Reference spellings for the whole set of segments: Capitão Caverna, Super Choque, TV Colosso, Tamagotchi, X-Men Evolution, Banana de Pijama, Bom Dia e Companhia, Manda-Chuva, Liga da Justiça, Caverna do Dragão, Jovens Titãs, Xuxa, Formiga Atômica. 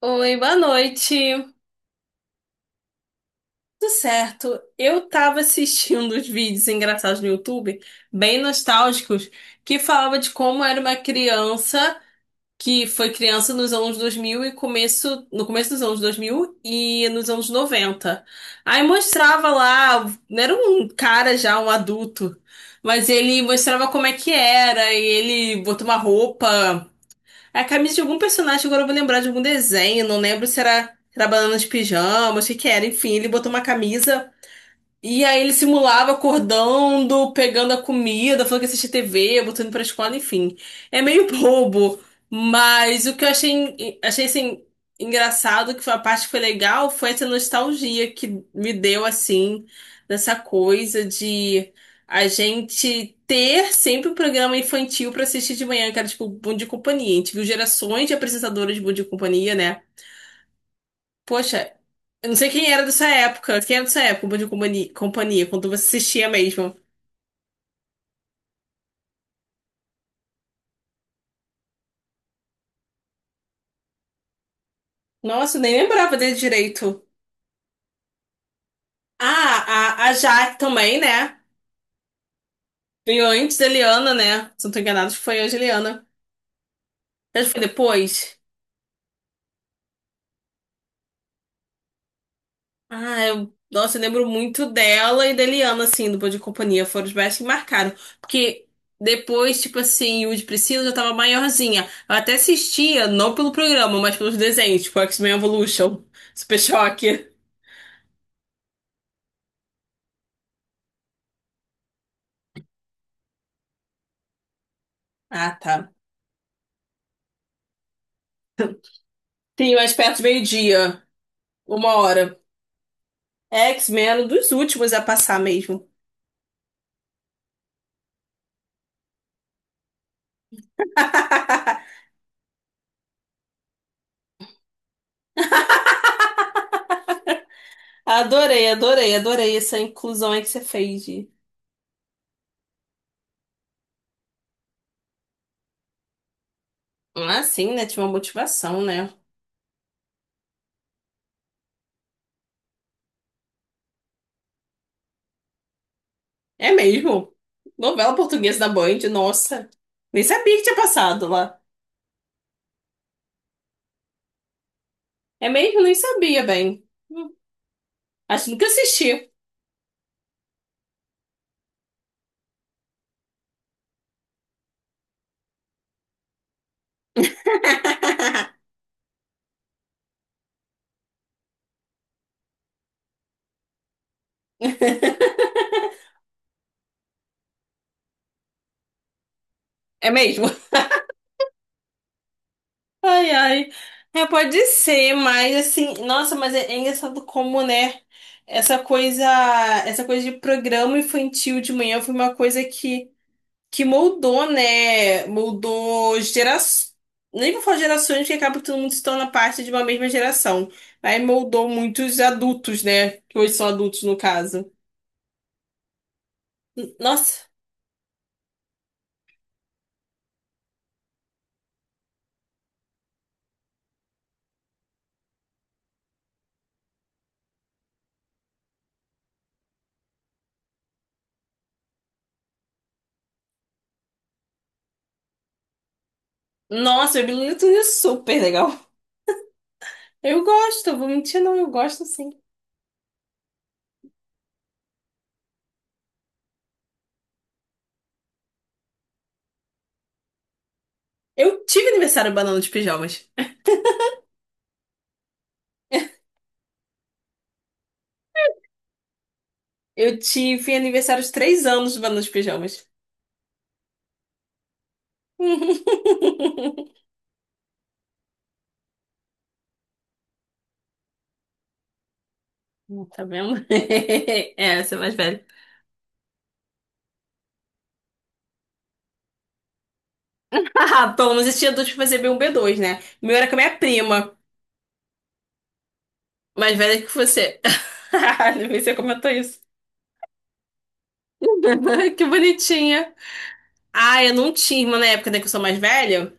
Oi, boa noite. Tudo certo? Eu tava assistindo os vídeos engraçados no YouTube, bem nostálgicos, que falava de como era uma criança que foi criança nos anos 2000 no começo dos anos 2000 e nos anos 90. Aí mostrava lá, não era um cara já, um adulto, mas ele mostrava como é que era e ele botou uma roupa. É a camisa de algum personagem. Agora eu vou lembrar de algum desenho, não lembro se era Banana de Pijama, se que que era, enfim, ele botou uma camisa. E aí ele simulava acordando, pegando a comida, falando que assistia TV, botando pra escola, enfim. É meio bobo, mas o que eu achei assim, engraçado, que foi a parte que foi legal, foi essa nostalgia que me deu, assim, dessa coisa de a gente ter sempre um programa infantil pra assistir de manhã, que era tipo Bom Dia e Companhia. A gente viu gerações de apresentadoras de Bom Dia e Companhia, né? Poxa, eu não sei quem era dessa época. Quem era dessa época de companhia, companhia quando você assistia mesmo? Nossa, eu nem lembrava dele direito. Ah, a Jaque também, né? Veio antes da Eliana, né? Se não tô enganado, acho que foi antes da Eliana. Mas foi depois? Ah, nossa, eu lembro muito dela e da Eliana, assim, do Bom de Companhia. Foram os mais que marcaram. Porque depois, tipo assim, o de Priscila já tava maiorzinha. Eu até assistia, não pelo programa, mas pelos desenhos, tipo X-Men Evolution, Super Choque. Ah, tá. Sim, mais perto de meio-dia, uma hora. É X-Men, um dos últimos a passar mesmo. Adorei, adorei, adorei essa inclusão aí que você fez. Ah, sim, né? Tinha uma motivação, né? É mesmo. Novela portuguesa da Band, nossa. Nem sabia que tinha passado lá. É mesmo? Nem sabia bem. Hum. Acho que nunca assisti. É mesmo. Ai, ai. É, pode ser, mas assim, nossa, mas é engraçado como, né? Essa coisa, essa coisa de programa infantil de manhã foi uma coisa que moldou, né? Moldou gerações. Nem vou falar gerações, porque acaba que todo mundo se torna parte de uma mesma geração. Aí moldou muitos adultos, né? Que hoje são adultos, no caso. N- Nossa, nossa, eu me lembro é super legal. Eu gosto, vou mentir, não, eu gosto sim. Eu tive aniversário banana de pijamas. Eu tive aniversário de 3 anos nos pijamas. Hum. Tá vendo? É, você é mais velha. Ah, pelo menos esse adulto fazer fazia um B2, né? O meu era com a minha prima, mais velha que você. Não sei se você comentou isso. Que bonitinha. Ah, eu não tinha irmã na época, né, que eu sou mais velha.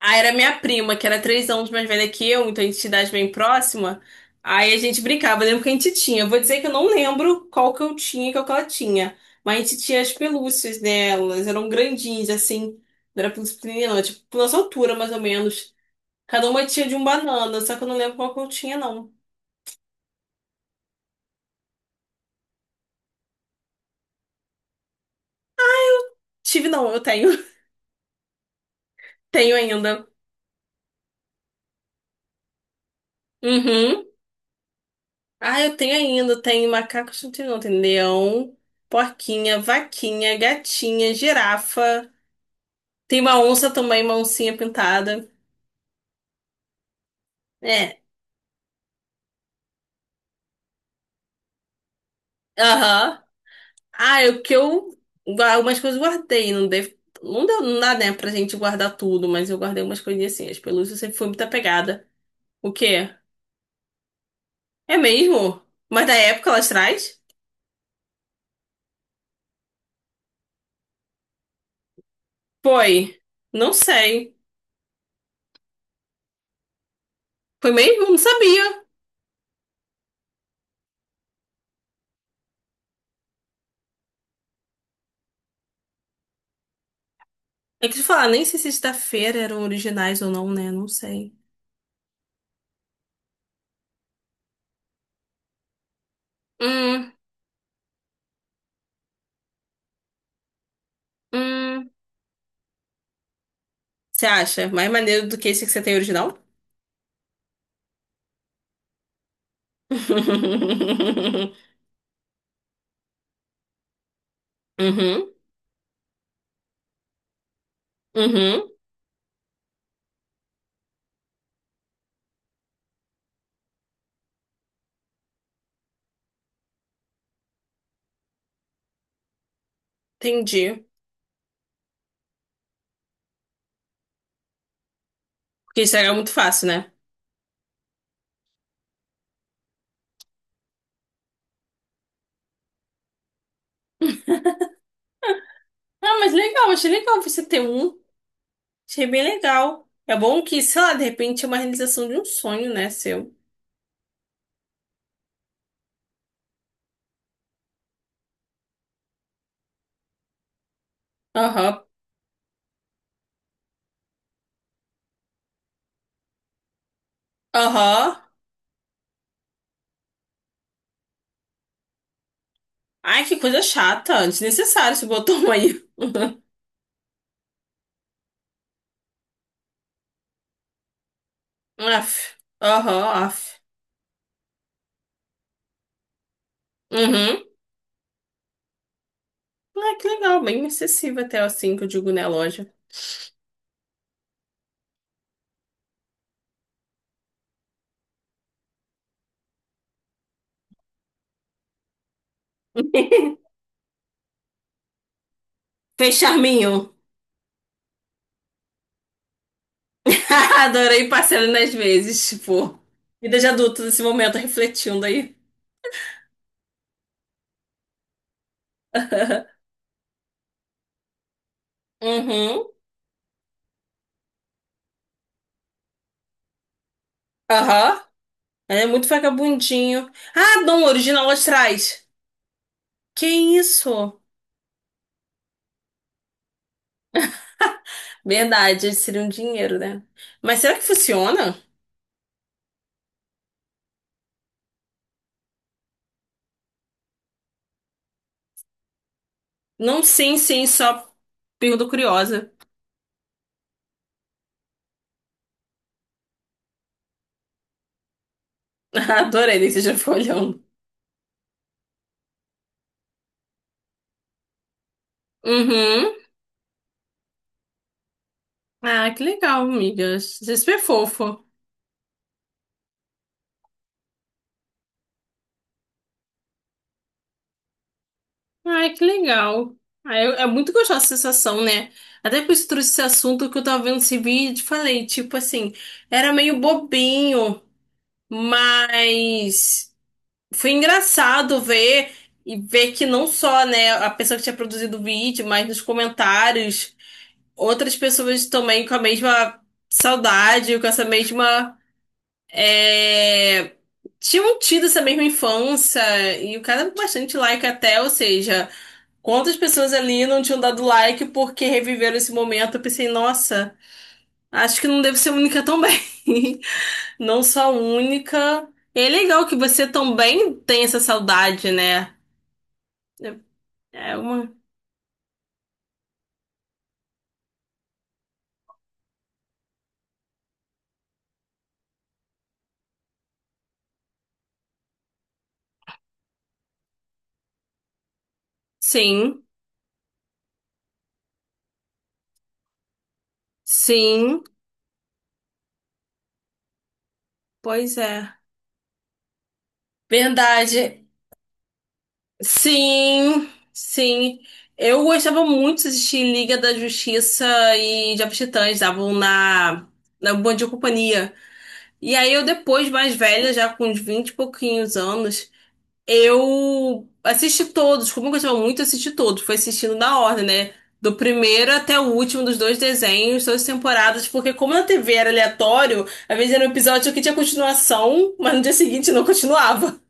Aí era minha prima, que era 3 anos mais velha que eu, então a gente tinha idade bem próxima. Aí a gente brincava, eu lembro que a gente tinha. Eu vou dizer que eu não lembro qual que eu tinha e qual que ela tinha. Mas a gente tinha as pelúcias delas, eram grandinhas, assim. Não era pelúcia pequenininha, não, era, tipo, nossa altura, mais ou menos. Cada uma tinha de um banana, só que eu não lembro qual que eu tinha, não. Tive, não, eu tenho. Tenho ainda. Uhum. Ah, eu tenho ainda. Tem macaco, não tem não. Tem leão, porquinha, vaquinha, gatinha, girafa. Tem uma onça também, uma oncinha pintada. É. Aham. Ah, é o que eu. Algumas coisas eu guardei. Não deve, não deu, não dá, né, pra gente guardar tudo, mas eu guardei umas coisinhas assim. As pelúcias sempre foi muito apegada. O quê? É mesmo? Mas da época lá atrás? Foi. Não sei. Foi mesmo? Não sabia. É que tu falar, nem sei se sexta-feira eram originais ou não, né? Não sei. Hum, hum. Você acha mais maneiro do que esse que você tem original? Uhum, uhum. Entendi. Porque estragar é muito fácil, né? Ah, mas legal, achei legal você ter um. Achei bem legal. É bom que, sei lá, de repente é uma realização de um sonho, né, seu? Aham, aham. Ai, que coisa chata. Desnecessário esse botão aí. Aff. Aham, aff. Uhum. Ah, que legal. Bem acessível até assim que eu digo, né, loja. Fez charminho. Adorei parcela nas vezes, tipo. Vida de adulto nesse momento, refletindo aí. Uhum. Aham. É muito vagabundinho. Ah, não, original lá atrás. Que isso? Verdade, seria um dinheiro, né? Mas será que funciona? Não, sim, sim, só pergunta curiosa. Adorei né, que você já foi olhando. Uhum. Ah, que legal, amiga. Você é super fofo. Ai, que legal. Ah, é muito gostosa essa sensação, né? Até por isso eu trouxe esse assunto que eu tava vendo esse vídeo e falei, tipo assim, era meio bobinho, mas foi engraçado ver e ver que não só, né, a pessoa que tinha produzido o vídeo, mas nos comentários, outras pessoas também com a mesma saudade, com essa mesma. É, tinham tido essa mesma infância, e o cara deu bastante like até, ou seja, quantas pessoas ali não tinham dado like porque reviveram esse momento? Eu pensei, nossa, acho que não devo ser única também. Não só única. E é legal que você também tem essa saudade, né? É uma. Sim, sim, pois é. Verdade. Sim, sim. Eu gostava muito de assistir Liga da Justiça e Jovens Titãs, estavam na Bom Dia Companhia. E aí eu depois, mais velha, já com uns 20 e pouquinhos anos, eu assisti todos, como eu gostava muito, eu assisti todos. Fui assistindo na ordem, né? Do primeiro até o último dos dois desenhos, duas temporadas, porque como na TV era aleatório, às vezes era um episódio que tinha continuação, mas no dia seguinte não continuava.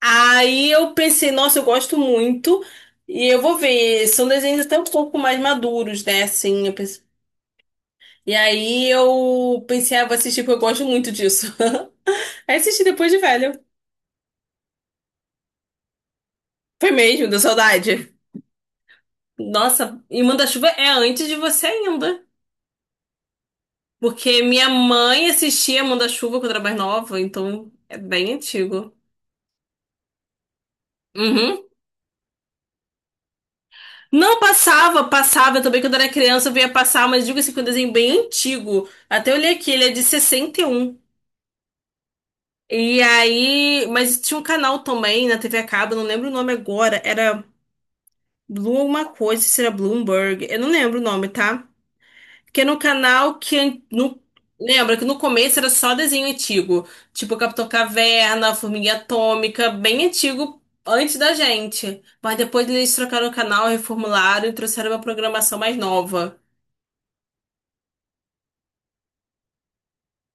Aí eu pensei, nossa, eu gosto muito, e eu vou ver. São desenhos até um pouco mais maduros, né? Assim, e aí eu pensei, ah, vou assistir porque eu gosto muito disso. Aí assisti depois de velho. Foi mesmo, deu saudade. Nossa, e Manda-Chuva é antes de você ainda. Porque minha mãe assistia Manda-Chuva quando era mais nova, então é bem antigo. Uhum. Não passava, passava também quando era criança, eu via passar, mas digo assim, que é um desenho bem antigo. Até olhei aqui, ele é de 61. E aí, mas tinha um canal também na TV a cabo, não lembro o nome agora, era Blue alguma coisa, se era Bloomberg, eu não lembro o nome, tá? Porque no canal no, lembra que no começo era só desenho antigo, tipo Capitão Caverna, Formiga Atômica, bem antigo antes da gente. Mas depois eles trocaram o canal, reformularam e trouxeram uma programação mais nova.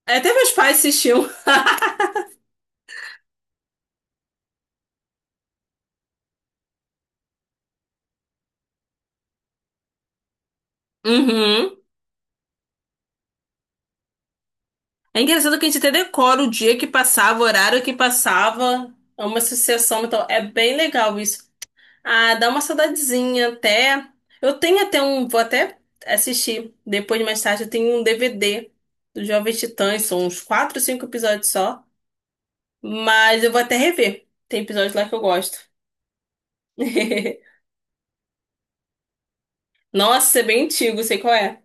Até meus pais assistiam. Uhum. É engraçado que a gente até decora o dia que passava, o horário que passava. É uma sucessão, então é bem legal isso. Ah, dá uma saudadezinha até. Eu tenho até um. Vou até assistir depois, mais tarde. Eu tenho um DVD do Jovem Titãs. São uns 4 ou 5 episódios só. Mas eu vou até rever. Tem episódios lá que eu gosto. Nossa, isso é bem antigo, sei qual é.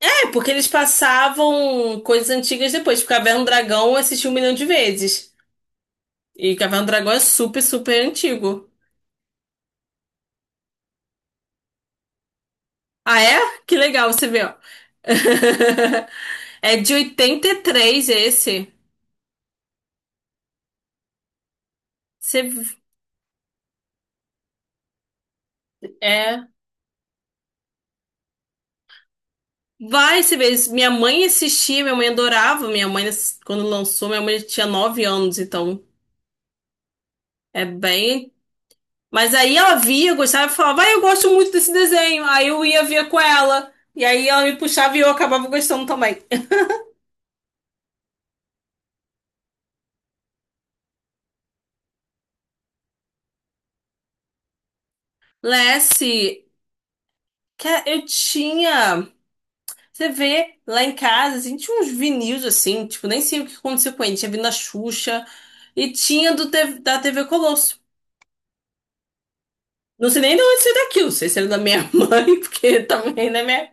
É, porque eles passavam coisas antigas depois. Tipo, Caverna do Dragão eu assisti um milhão de vezes. E Caverna do Dragão é super, super antigo. Ah, é? Que legal, você vê, ó. É de 83 esse. Você é. Vai, você vê. Minha mãe assistia, minha mãe adorava. Minha mãe, quando lançou, minha mãe tinha 9 anos, então é bem. Mas aí ela via, gostava e falava, vai, eu gosto muito desse desenho. Aí eu ia ver com ela. E aí ela me puxava e eu acabava gostando também. Lessie, que eu tinha. Você vê lá em casa, assim, tinha uns vinil assim, tipo, nem sei o que aconteceu com ele. Tinha vindo a Xuxa e tinha do, T- V da TV Colosso. Não sei nem de onde saiu daquilo. Não sei se era da minha mãe, porque também da minha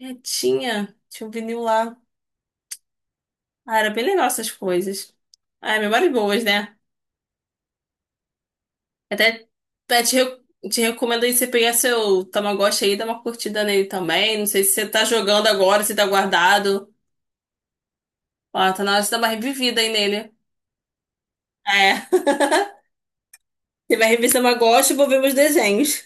netinha. Tinha um vinil lá. Ah, era bem legal essas coisas. Ah, é memórias boas, né? Até, até te recomendo aí você pegar seu Tamagotchi aí e dar uma curtida nele também. Não sei se você tá jogando agora, se tá guardado. Ó, tá na hora de dar uma revivida aí nele. É. Você vai rever seu Tamagotchi e vou ver meus desenhos.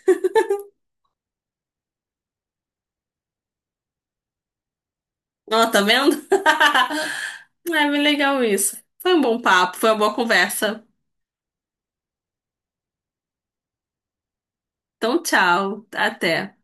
Ó, tá vendo? É bem legal isso. Foi um bom papo, foi uma boa conversa. Então, tchau, até.